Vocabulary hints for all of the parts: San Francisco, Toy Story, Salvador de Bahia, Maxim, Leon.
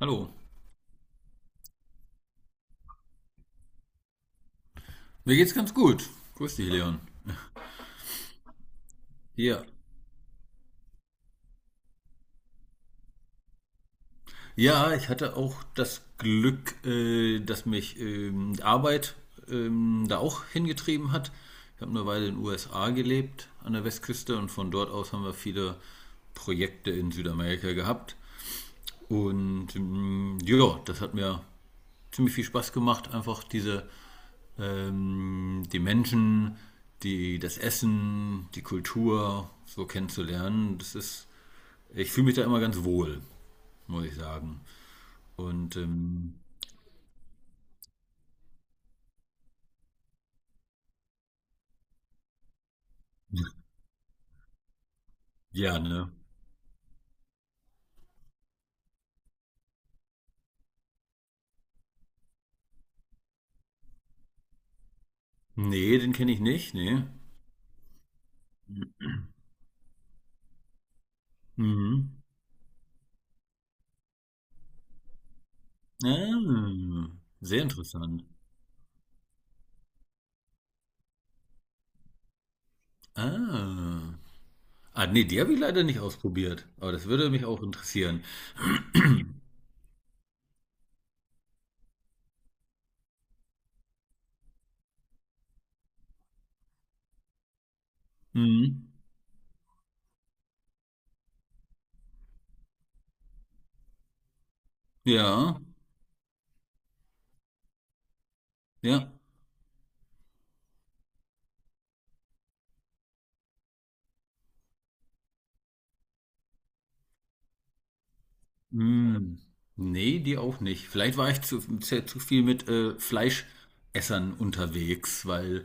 Hallo. Mir geht's ganz gut. Grüß dich, Leon. Ja. Ja, ich hatte auch das Glück, dass mich Arbeit da auch hingetrieben hat. Ich habe eine Weile in den USA gelebt, an der Westküste, und von dort aus haben wir viele Projekte in Südamerika gehabt. Und ja, das hat mir ziemlich viel Spaß gemacht, einfach die Menschen, das Essen, die Kultur so kennenzulernen. Das ist. Ich fühle mich da immer ganz wohl, muss ich sagen. Und ja, ne? Nee, den kenne ich nicht, nee. Mhm. Ah, sehr interessant. Ah. Ah, nee, die habe ich leider nicht ausprobiert. Aber das würde mich auch interessieren. Mhm. Ja, ja. Hm, nee, die auch nicht. Vielleicht war ich zu viel mit Fleischessern unterwegs, weil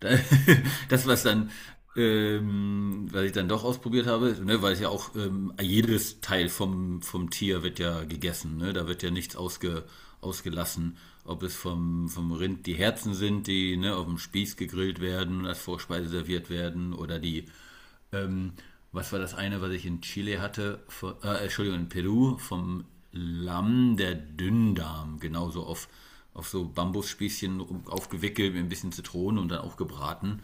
da, das, was dann, was ich dann doch ausprobiert habe, ne, weil es ja auch jedes Teil vom Tier wird ja gegessen, ne? Da wird ja nichts ausgelassen. Ob es vom Rind die Herzen sind, die, ne, auf dem Spieß gegrillt werden und als Vorspeise serviert werden, oder die ähm, was war das eine, was ich in Chile hatte? Von, Entschuldigung, in Peru vom Lamm der Dünndarm. Genauso auf so Bambusspießchen aufgewickelt mit ein bisschen Zitrone und dann auch gebraten.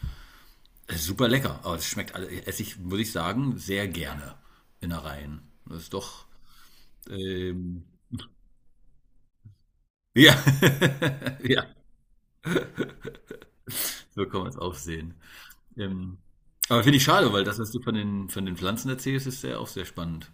Super lecker, aber esse ich, muss ich sagen, sehr gerne Innereien. Das ist doch. ähm, ja, ja, so kann man es auch sehen. Ähm, aber finde ich schade, weil das, was du von von den Pflanzen erzählst, ist sehr, auch sehr spannend.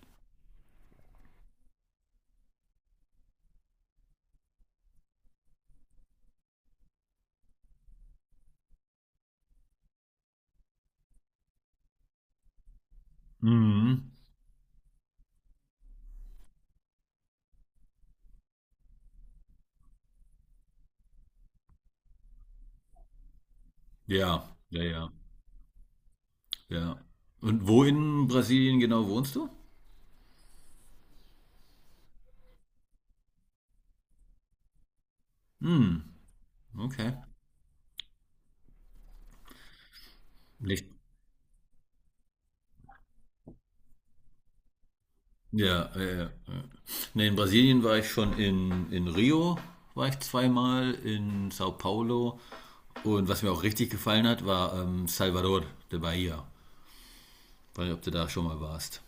Mhm. Ja, ja, ja. Ja. Und wo in Brasilien genau wohnst du? Hm, okay. Nicht. Ja, ja. Nee, in Brasilien war ich schon in Rio, war ich zweimal, in Sao Paulo. Und was mir auch richtig gefallen hat, war Salvador de Bahia. Weiß nicht, ob du da schon mal warst.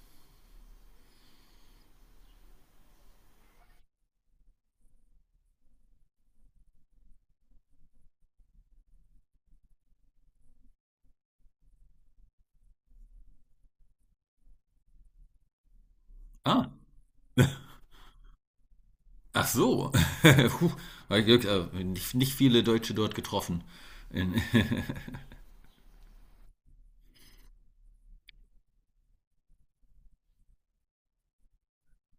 Ah, ach so. Puh, hab ich Glück, nicht viele Deutsche dort getroffen. In,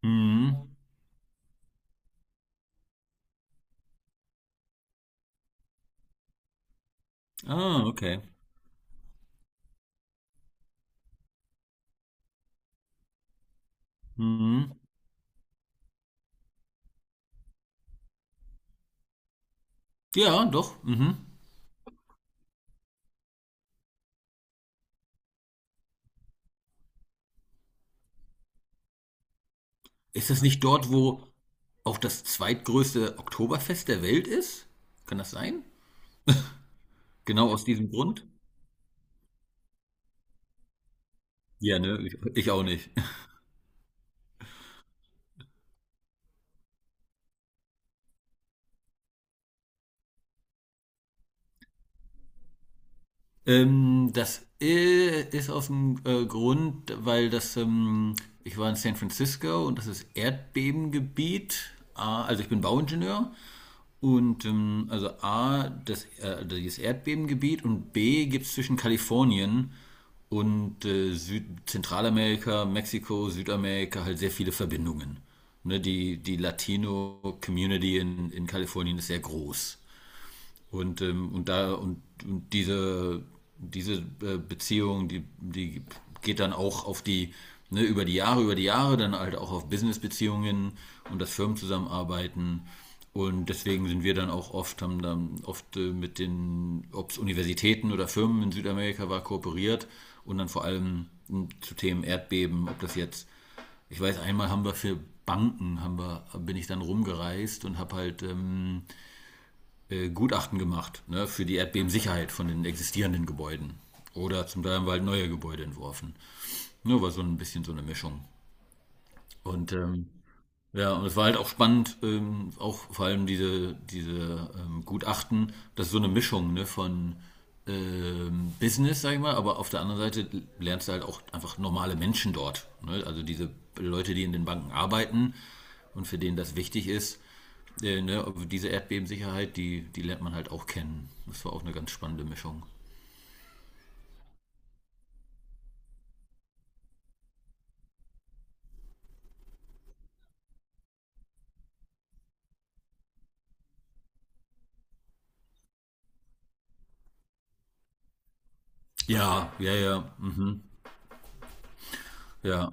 mhm. Ah, okay. Mhm. Ja, doch. Mhm. Ist das nicht dort, wo auch das zweitgrößte Oktoberfest der Welt ist? Kann das sein? Genau aus diesem Grund? Ja, ne, ich auch nicht. Das ist aus dem Grund, weil das, ich war in San Francisco und das ist Erdbebengebiet. Ah, also ich bin Bauingenieur und also A, das, also dieses Erdbebengebiet, und B gibt es zwischen Kalifornien und Süd Zentralamerika, Mexiko, Südamerika halt sehr viele Verbindungen. Ne, die Latino-Community in Kalifornien ist sehr groß. Und da und diese, diese Beziehung, die geht dann auch auf die, ne, über die Jahre, dann halt auch auf Business-Beziehungen und das Firmenzusammenarbeiten. Und deswegen sind wir dann auch oft, haben dann oft mit den, ob es Universitäten oder Firmen in Südamerika war, kooperiert, und dann vor allem hm, zu Themen Erdbeben, ob das jetzt, ich weiß, einmal haben wir für Banken, haben wir, bin ich dann rumgereist und habe halt Gutachten gemacht, ne, für die Erdbebensicherheit von den existierenden Gebäuden. Oder zum Teil haben wir halt neue Gebäude entworfen. Nur war so ein bisschen so eine Mischung. Und ja, und es war halt auch spannend, auch vor allem diese, diese Gutachten, das ist so eine Mischung, ne, von Business, sag ich mal, aber auf der anderen Seite lernst du halt auch einfach normale Menschen dort. Ne? Also diese Leute, die in den Banken arbeiten und für denen das wichtig ist, ne, aber diese Erdbebensicherheit, die lernt man halt auch kennen. Das war auch eine ganz spannende Mischung. Ja, ja, ja. Mhm, ja.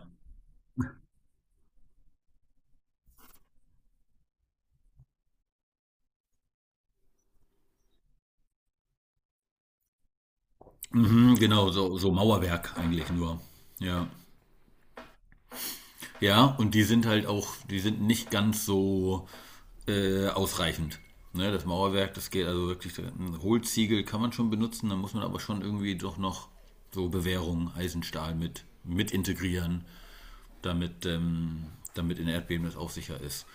Mhm, genau, so, so Mauerwerk eigentlich nur. Ja. Ja, und die sind halt auch, die sind nicht ganz so ausreichend. Ne, das Mauerwerk, das geht also wirklich, ein Hohlziegel kann man schon benutzen, dann muss man aber schon irgendwie doch noch so Bewährung, Eisenstahl mit integrieren, damit, damit in Erdbeben das auch sicher ist.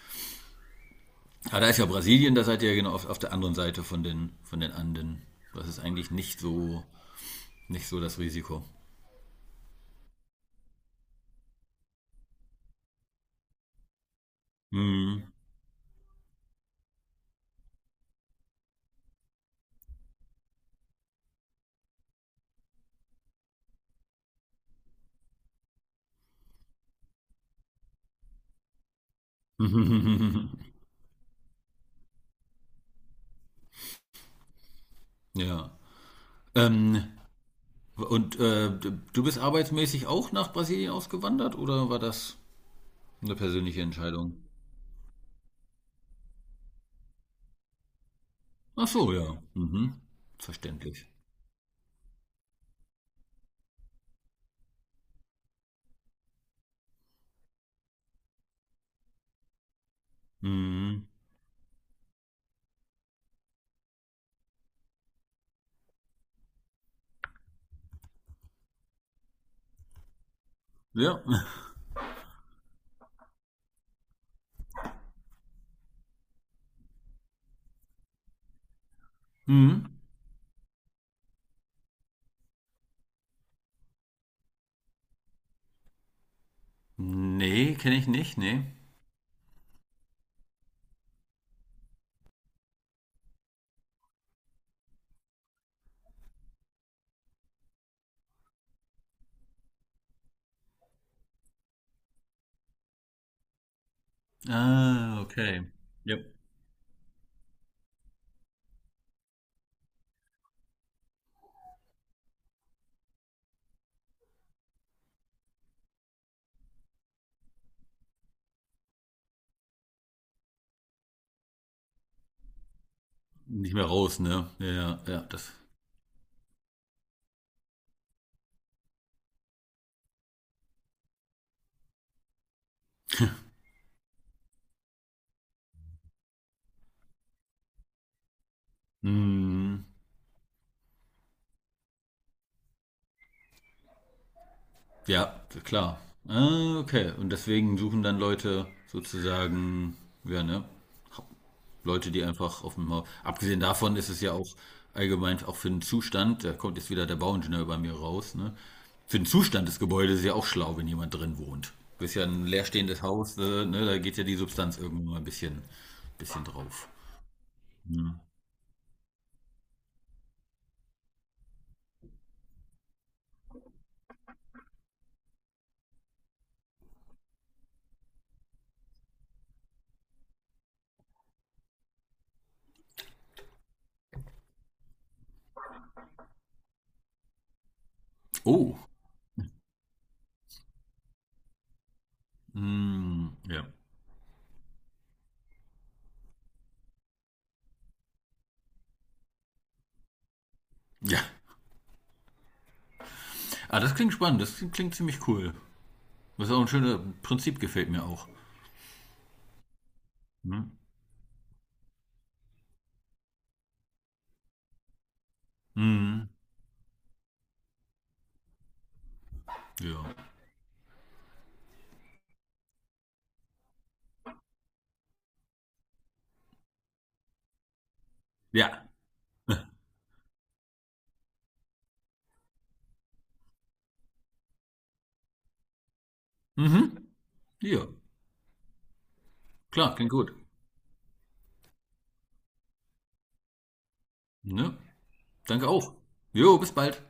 Aber da ist ja Brasilien, da seid ihr ja genau auf der anderen Seite von von den Anden. Das ist eigentlich nicht so, nicht so das Risiko. ja. Ähm, und du bist arbeitsmäßig auch nach Brasilien ausgewandert oder war das eine persönliche Entscheidung? Ach so, ja. Mhm. Verständlich. Mhm. Ja. Mhm. Nee, kenne ich nicht, nee. Ah, okay. Ja. Nicht mehr raus, ne? Ja, ja, ja, das. Mhm. Ja, klar. Ah, okay. Und deswegen suchen dann Leute sozusagen, ja, ne? Leute, die einfach auf dem Haus. Abgesehen davon ist es ja auch allgemein auch für den Zustand, da kommt jetzt wieder der Bauingenieur bei mir raus, ne? Für den Zustand des Gebäudes ist ja auch schlau, wenn jemand drin wohnt. Ist ja ein leerstehendes Haus, ne? Da geht ja die Substanz irgendwann mal ein bisschen drauf. Oh. Mm, ja. Ja. Ah, das klingt spannend, das klingt ziemlich cool. Das ist auch ein schönes Prinzip, gefällt mir auch. Hm? Mhm. Ja. Ja. Mhm. Ja. Klar, klingt gut. Ne? Danke auch. Jo, bis bald.